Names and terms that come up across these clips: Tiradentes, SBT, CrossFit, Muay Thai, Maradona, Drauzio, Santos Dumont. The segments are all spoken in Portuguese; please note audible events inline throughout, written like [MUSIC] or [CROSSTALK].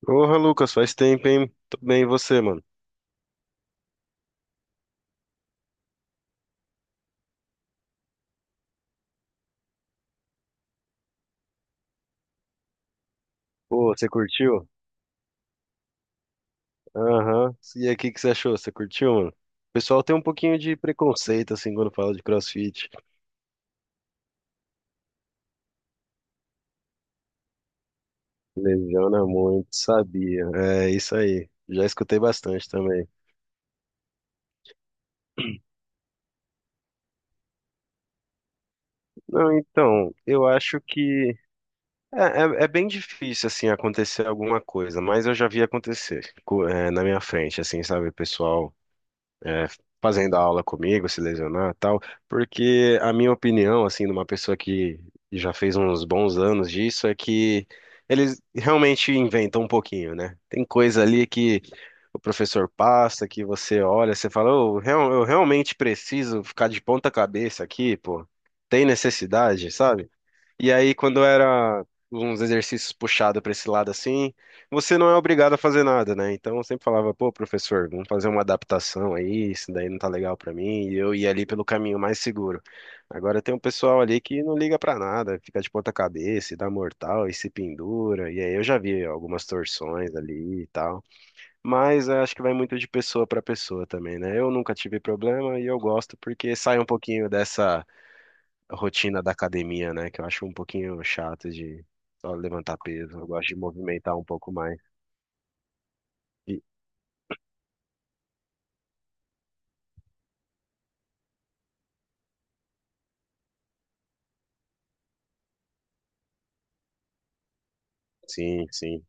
Porra, Lucas, faz tempo, hein? Tô bem, e você, mano? Pô, você curtiu? Aham. E aí, o que que você achou? Você curtiu, mano? O pessoal tem um pouquinho de preconceito, assim, quando fala de CrossFit. Lesiona muito, sabia. É, isso aí. Já escutei bastante também. Não, então, eu acho que é, é bem difícil, assim, acontecer alguma coisa, mas eu já vi acontecer, é, na minha frente, assim, sabe? O pessoal é, fazendo aula comigo, se lesionar e tal, porque a minha opinião, assim, de uma pessoa que já fez uns bons anos disso, é que eles realmente inventam um pouquinho, né? Tem coisa ali que o professor passa, que você olha, você fala, "Ô, eu realmente preciso ficar de ponta cabeça aqui, pô. Tem necessidade, sabe? E aí, quando era uns exercícios puxados para esse lado assim, você não é obrigado a fazer nada, né? Então eu sempre falava, pô, professor, vamos fazer uma adaptação aí, isso daí não tá legal para mim, e eu ia ali pelo caminho mais seguro. Agora tem um pessoal ali que não liga para nada, fica de ponta cabeça, e dá mortal e se pendura, e aí eu já vi algumas torções ali e tal. Mas eu acho que vai muito de pessoa para pessoa também, né? Eu nunca tive problema e eu gosto porque sai um pouquinho dessa rotina da academia, né? Que eu acho um pouquinho chato de só levantar peso. Eu gosto de movimentar um pouco mais. E- sim, sim.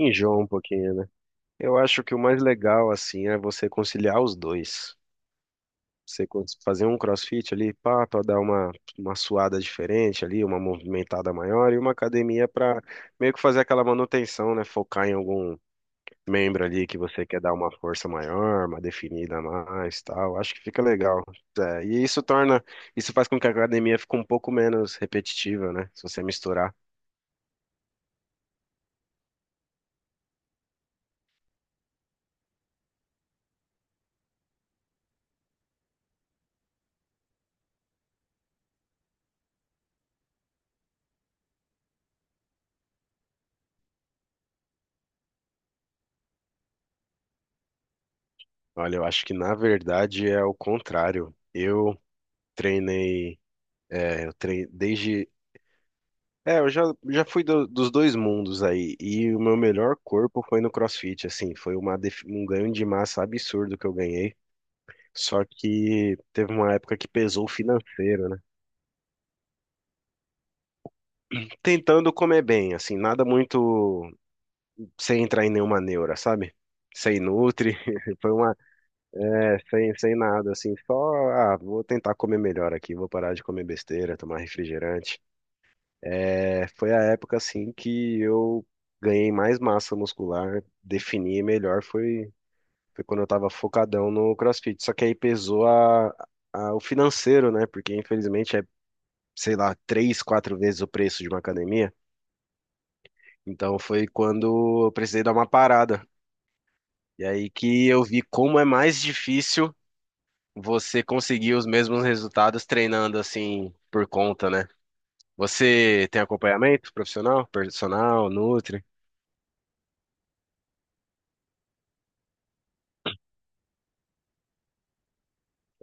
Enjoa um pouquinho, né? Eu acho que o mais legal, assim, é você conciliar os dois. Fazer um crossfit ali, pá, pra dar uma suada diferente ali, uma movimentada maior, e uma academia pra meio que fazer aquela manutenção, né? Focar em algum membro ali que você quer dar uma força maior, uma definida a mais, tal. Acho que fica legal. É, e isso torna, isso faz com que a academia fique um pouco menos repetitiva, né? Se você misturar. Olha, eu acho que na verdade é o contrário. Treinei, eu treinei desde É, eu já, já fui dos dois mundos aí, e o meu melhor corpo foi no CrossFit, assim, foi uma, um ganho de massa absurdo que eu ganhei, só que teve uma época que pesou o financeiro, né? Tentando comer bem, assim, nada muito, sem entrar em nenhuma neura, sabe? Sem nutri, [LAUGHS] foi uma, sem, sem nada, assim, só, ah, vou tentar comer melhor aqui, vou parar de comer besteira, tomar refrigerante. É, foi a época, assim, que eu ganhei mais massa muscular, defini melhor, foi, foi quando eu tava focadão no CrossFit, só que aí pesou o financeiro, né, porque infelizmente é, sei lá, três, quatro vezes o preço de uma academia. Então foi quando eu precisei dar uma parada. E aí que eu vi como é mais difícil você conseguir os mesmos resultados treinando assim por conta, né? Você tem acompanhamento profissional, personal, nutri?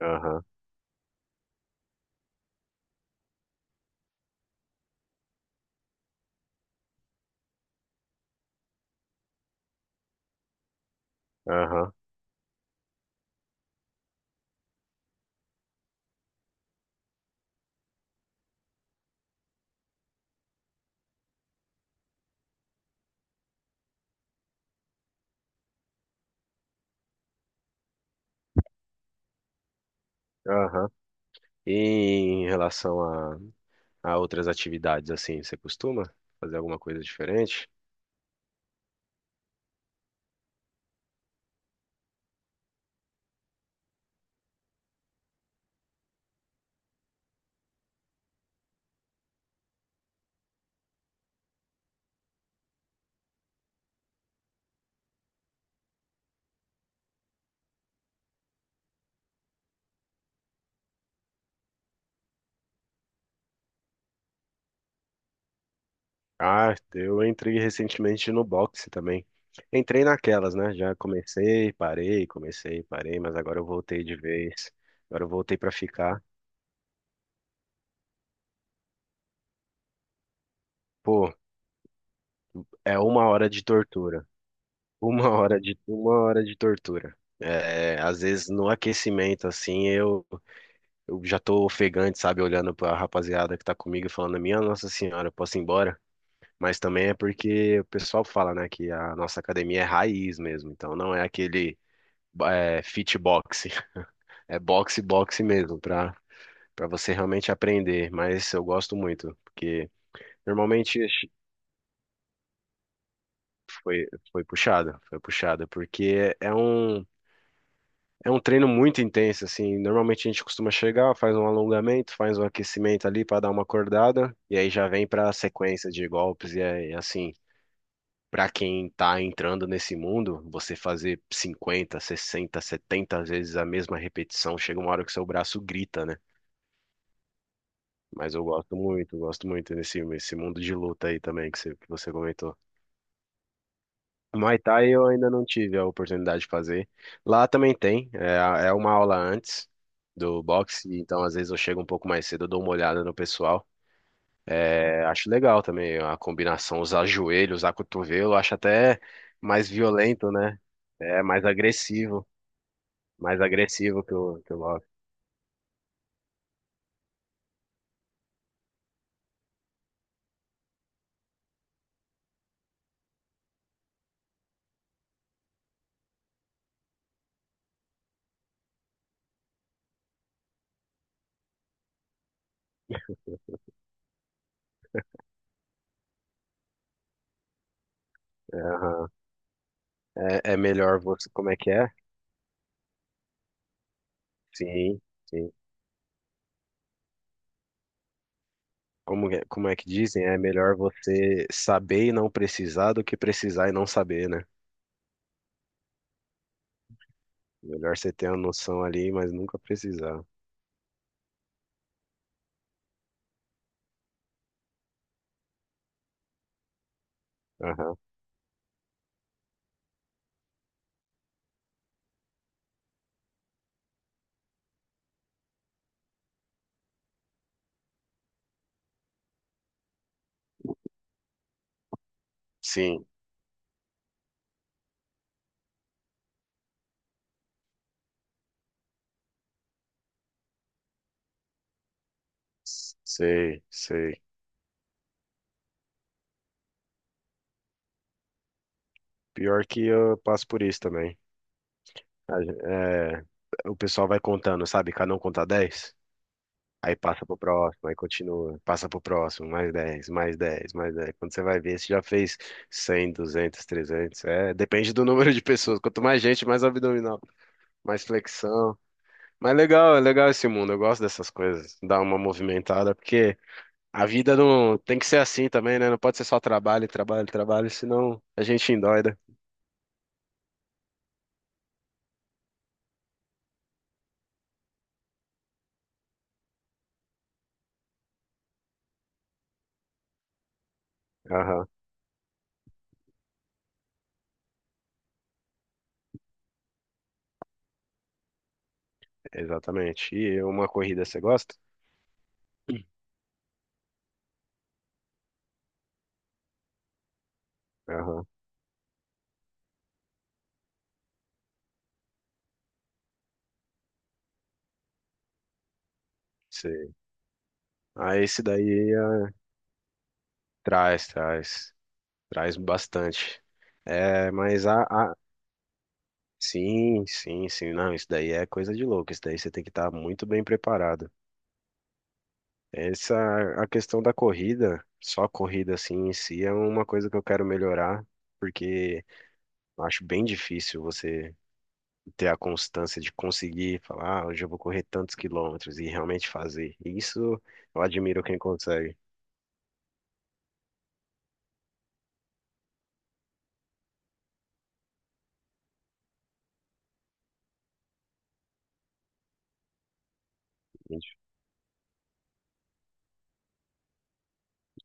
Aham, aham, aham. E em relação a, a outras atividades, assim, você costuma fazer alguma coisa diferente? Ah, eu entrei recentemente no boxe também. Entrei naquelas, né? Já comecei, parei, mas agora eu voltei de vez. Agora eu voltei pra ficar. Pô, é uma hora de tortura. [LAUGHS] Uma hora de tortura. É, às vezes no aquecimento, assim, eu já tô ofegante, sabe? Olhando pra rapaziada que tá comigo e falando, minha Nossa Senhora, eu posso ir embora? Mas também é porque o pessoal fala, né, que a nossa academia é raiz mesmo. Então não é aquele é, fit box. É boxe, boxe mesmo, pra, pra você realmente aprender. Mas eu gosto muito, porque normalmente foi, foi puxada, porque é um treino muito intenso, assim. Normalmente a gente costuma chegar, faz um alongamento, faz um aquecimento ali pra dar uma acordada, e aí já vem pra sequência de golpes, e é, é assim. Pra quem tá entrando nesse mundo, você fazer 50, 60, 70 vezes a mesma repetição, chega uma hora que seu braço grita, né? Mas eu gosto muito desse esse mundo de luta aí também que você comentou. Muay Thai eu ainda não tive a oportunidade de fazer. Lá também tem, é, é uma aula antes do boxe, então às vezes eu chego um pouco mais cedo, eu dou uma olhada no pessoal. É, acho legal também a combinação, usar joelho, usar cotovelo, acho até mais violento, né? É mais agressivo que que o boxe. É, aham. É melhor você, como é que é? Sim, sim. Como, como é que dizem? É melhor você saber e não precisar do que precisar e não saber, né? Melhor você ter uma noção ali, mas nunca precisar. Aham. Sim, sei, sei. Pior que eu passo por isso também. É, o pessoal vai contando, sabe? Cada um conta dez, aí passa pro próximo, aí continua, passa pro próximo, mais dez, mais dez, mais 10. Quando você vai ver, você já fez 100, 200, 300 É, depende do número de pessoas. Quanto mais gente, mais abdominal, mais flexão. Mas legal, é legal esse mundo. Eu gosto dessas coisas, dar uma movimentada, porque a vida não tem que ser assim também, né? Não pode ser só trabalho, trabalho, trabalho, senão a gente endoida. Aham, exatamente. E uma corrida você gosta? Aham, sei. Ah, esse daí ah, traz, traz, traz bastante. É, mas a, a- sim, sim, sim, não, isso daí é coisa de louco. Isso daí você tem que estar muito bem preparado. Essa, a questão da corrida, só a corrida assim em si, é uma coisa que eu quero melhorar, porque eu acho bem difícil você ter a constância de conseguir falar, ah, hoje eu vou correr tantos quilômetros e realmente fazer. E isso eu admiro quem consegue. Gente,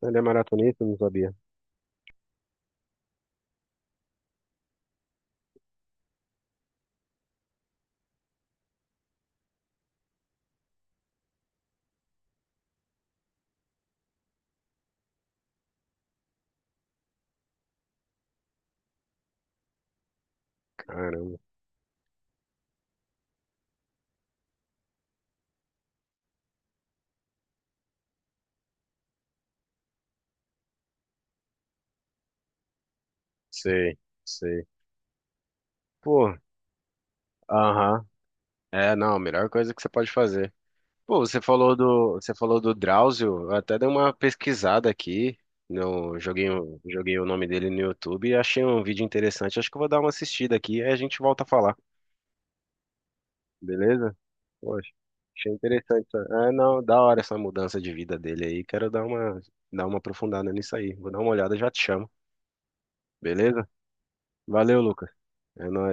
ele é maratonista, eu não sabia. Caramba, sei, sei. Pô, aham. É, não, a melhor coisa que você pode fazer. Pô, você falou do Drauzio, eu até dei uma pesquisada aqui, no, joguei, um- joguei o nome dele no YouTube e achei um vídeo interessante. Acho que eu vou dar uma assistida aqui e a gente volta a falar, beleza? Poxa, achei interessante. É, não, da hora essa mudança de vida dele aí. Dar uma aprofundada nisso aí. Vou dar uma olhada, já te chamo, beleza? Valeu, Lucas. É nóis.